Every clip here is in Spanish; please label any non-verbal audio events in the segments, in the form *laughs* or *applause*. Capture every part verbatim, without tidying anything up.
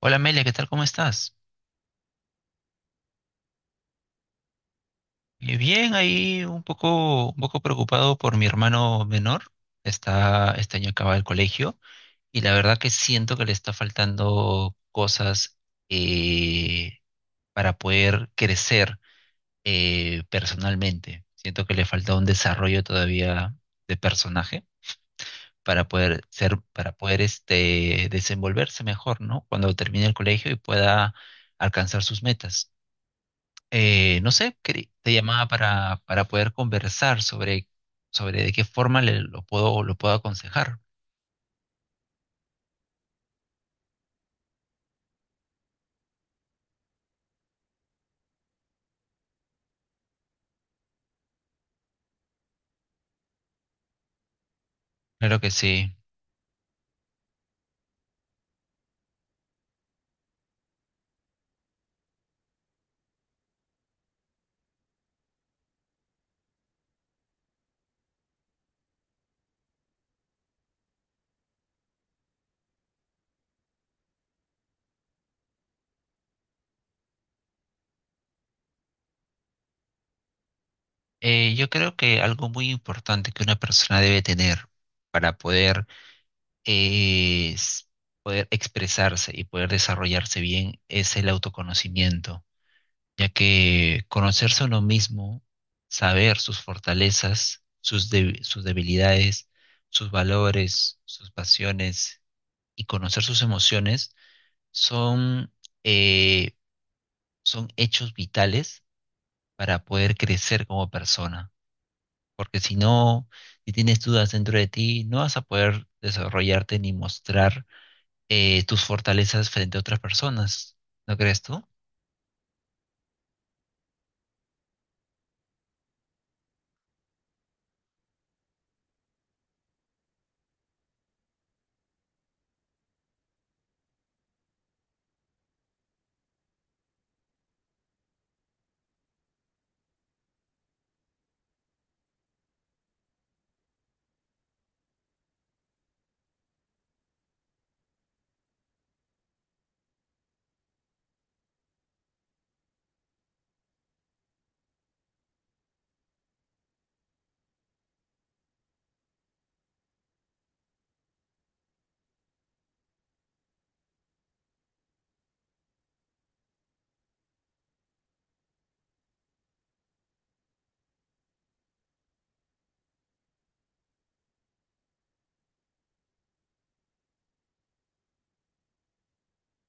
Hola Amelia, ¿qué tal? ¿Cómo estás? Eh, Bien, ahí un poco, un poco preocupado por mi hermano menor. Está, este año acaba el colegio y la verdad que siento que le está faltando cosas eh, para poder crecer eh, personalmente. Siento que le falta un desarrollo todavía de personaje para poder ser, para poder este, desenvolverse mejor, ¿no? Cuando termine el colegio y pueda alcanzar sus metas. Eh, no sé, querí- te llamaba para, para poder conversar sobre, sobre de qué forma le- lo puedo, lo puedo aconsejar. Claro que sí. Eh, yo creo que algo muy importante que una persona debe tener para poder, eh, s- poder expresarse y poder desarrollarse bien es el autoconocimiento, ya que conocerse a uno mismo, saber sus fortalezas, sus, deb- sus debilidades, sus valores, sus pasiones y conocer sus emociones son, eh, son hechos vitales para poder crecer como persona. Porque si no, si tienes dudas dentro de ti, no vas a poder desarrollarte ni mostrar eh, tus fortalezas frente a otras personas. ¿No crees tú?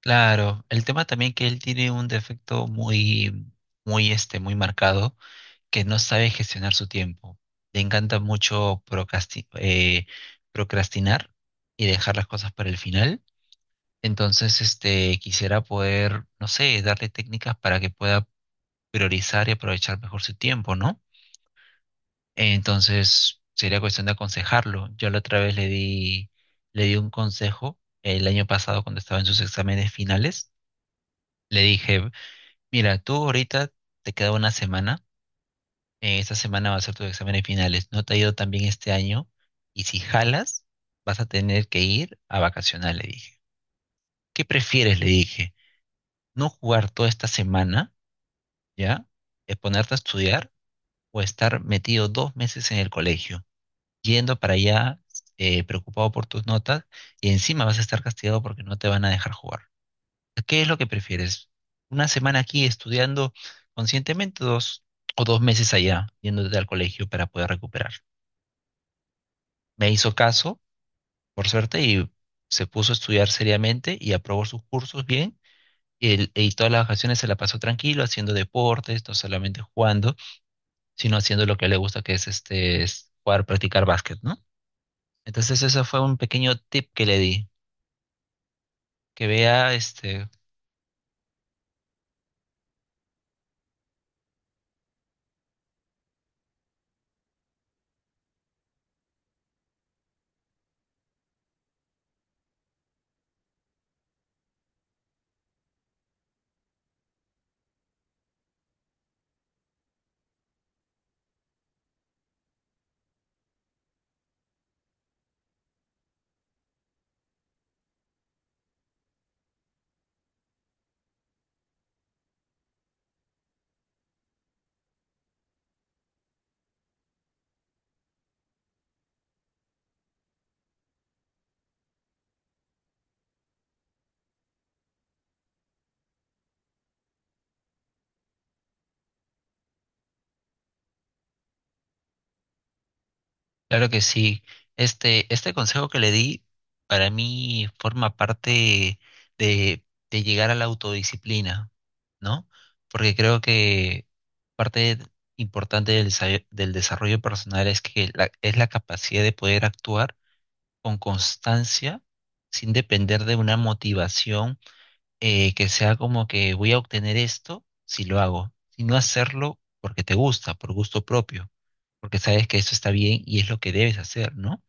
Claro, el tema también que él tiene un defecto muy, muy este, muy marcado, que no sabe gestionar su tiempo. Le encanta mucho procrasti- eh, procrastinar y dejar las cosas para el final. Entonces, este, quisiera poder, no sé, darle técnicas para que pueda priorizar y aprovechar mejor su tiempo, ¿no? Entonces, sería cuestión de aconsejarlo. Yo la otra vez le di, le di un consejo el año pasado cuando estaba en sus exámenes finales. Le dije, mira, tú ahorita te queda una semana, eh, esta semana va a ser tus exámenes finales, no te ha ido tan bien este año y si jalas, vas a tener que ir a vacacionar, le dije. ¿Qué prefieres? Le dije, no jugar toda esta semana, ¿ya? Es ponerte a estudiar o estar metido dos meses en el colegio, yendo para allá eh, preocupado por tus notas y encima vas a estar castigado porque no te van a dejar jugar. ¿Qué es lo que prefieres? ¿Una semana aquí estudiando conscientemente dos, o dos meses allá yéndote al colegio para poder recuperar? Me hizo caso, por suerte, y se puso a estudiar seriamente y aprobó sus cursos bien. Y, el- y todas las vacaciones se la pasó tranquilo, haciendo deportes, no solamente jugando, sino haciendo lo que le gusta, que es este es jugar, practicar básquet, ¿no? Entonces ese fue un pequeño tip que le di, que vea, este, claro que sí, este, este consejo que le di para mí forma parte de, de llegar a la autodisciplina, ¿no? Porque creo que parte importante del, desa- del desarrollo personal es que la, es la capacidad de poder actuar con constancia sin depender de una motivación eh, que sea como que voy a obtener esto si lo hago, sino hacerlo porque te gusta, por gusto propio, porque sabes que eso está bien y es lo que debes hacer, ¿no?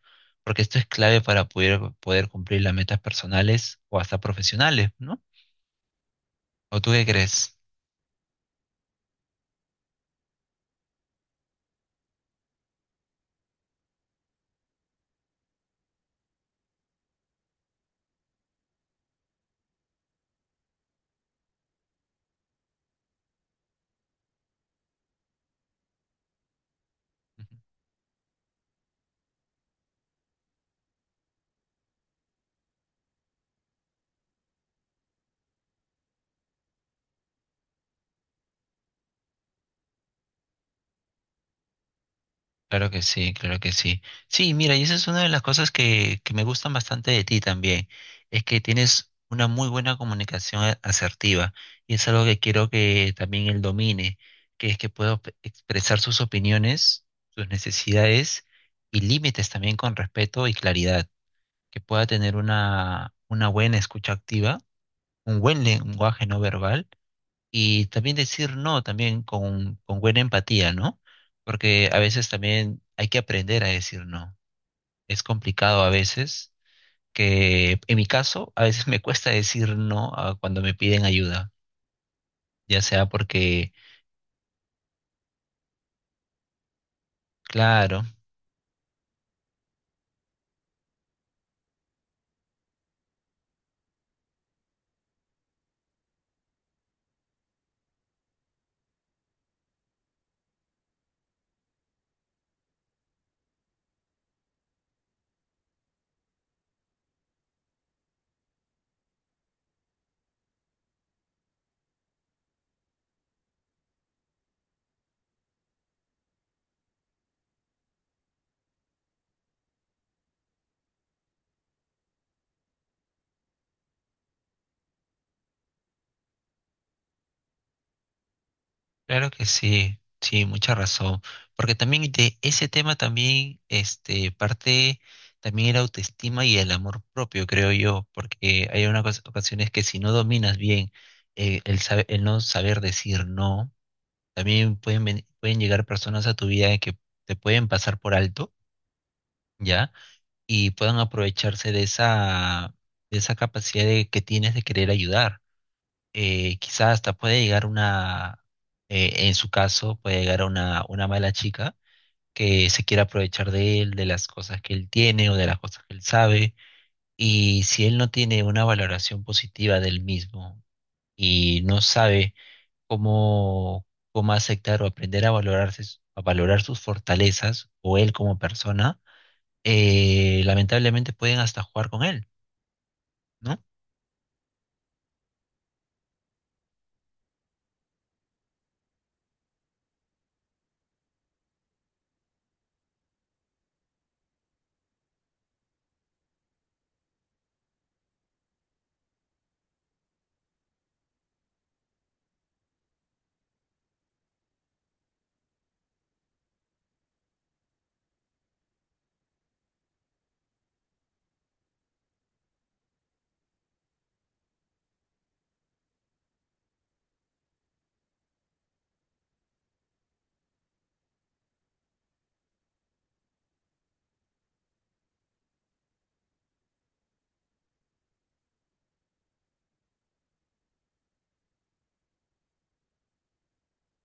Porque esto es clave para poder, poder cumplir las metas personales o hasta profesionales, ¿no? ¿O tú qué crees? Claro que sí, claro que sí. Sí, mira, y esa es una de las cosas que, que me gustan bastante de ti también, es que tienes una muy buena comunicación a- asertiva y es algo que quiero que también él domine, que es que pueda op- expresar sus opiniones, sus necesidades y límites también con respeto y claridad, que pueda tener una, una buena escucha activa, un buen lenguaje no verbal y también decir no, también con, con buena empatía, ¿no? Porque a veces también hay que aprender a decir no. Es complicado a veces, que en mi caso, a veces *laughs* me cuesta decir no a cuando me piden ayuda, ya sea porque, claro, claro que sí, sí, mucha razón. Porque también de ese tema también, este, parte también la autoestima y el amor propio, creo yo, porque hay unas ocas- ocasiones que si no dominas bien eh, el, sabe- el no saber decir no, también pueden, ven- pueden llegar personas a tu vida que te pueden pasar por alto, ¿ya? Y puedan aprovecharse de esa, de esa capacidad de, que tienes de querer ayudar eh, quizás hasta puede llegar una, eh, en su caso, puede llegar a una, una mala chica que se quiera aprovechar de él, de las cosas que él tiene o de las cosas que él sabe. Y si él no tiene una valoración positiva del mismo y no sabe cómo, cómo aceptar o aprender a valorarse, a valorar sus fortalezas o él como persona, eh, lamentablemente pueden hasta jugar con él, ¿no?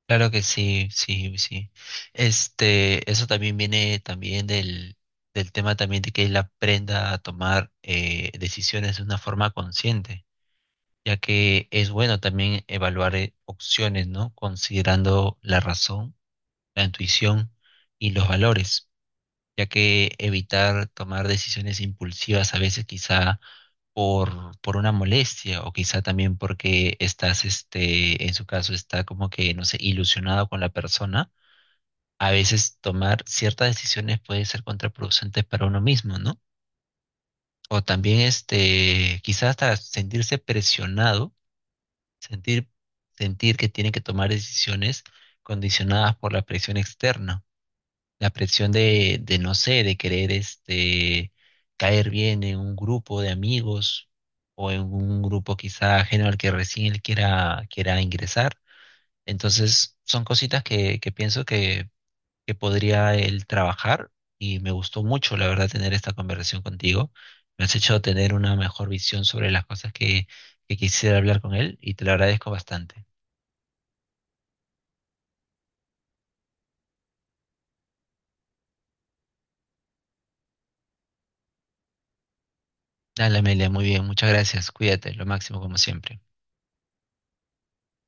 Claro que sí, sí, sí. Este, eso también viene también del, del tema también de que él aprenda a tomar eh, decisiones de una forma consciente, ya que es bueno también evaluar eh, opciones, ¿no? Considerando la razón, la intuición y los valores, ya que evitar tomar decisiones impulsivas a veces quizá por, por una molestia o quizá también porque estás, este, en su caso, está como que, no sé, ilusionado con la persona a veces tomar ciertas decisiones puede ser contraproducente para uno mismo, ¿no? O también este, quizás hasta sentirse presionado, sentir, sentir que tiene que tomar decisiones condicionadas por la presión externa, la presión de, de no sé, de querer este, caer bien en un grupo de amigos o en un grupo quizá ajeno al que recién él quiera, quiera ingresar. Entonces, son cositas que, que pienso que que podría él trabajar y me gustó mucho, la verdad, tener esta conversación contigo. Me has hecho tener una mejor visión sobre las cosas que, que quisiera hablar con él y te lo agradezco bastante. Dale, Amelia, muy bien, muchas gracias. Cuídate, lo máximo como siempre.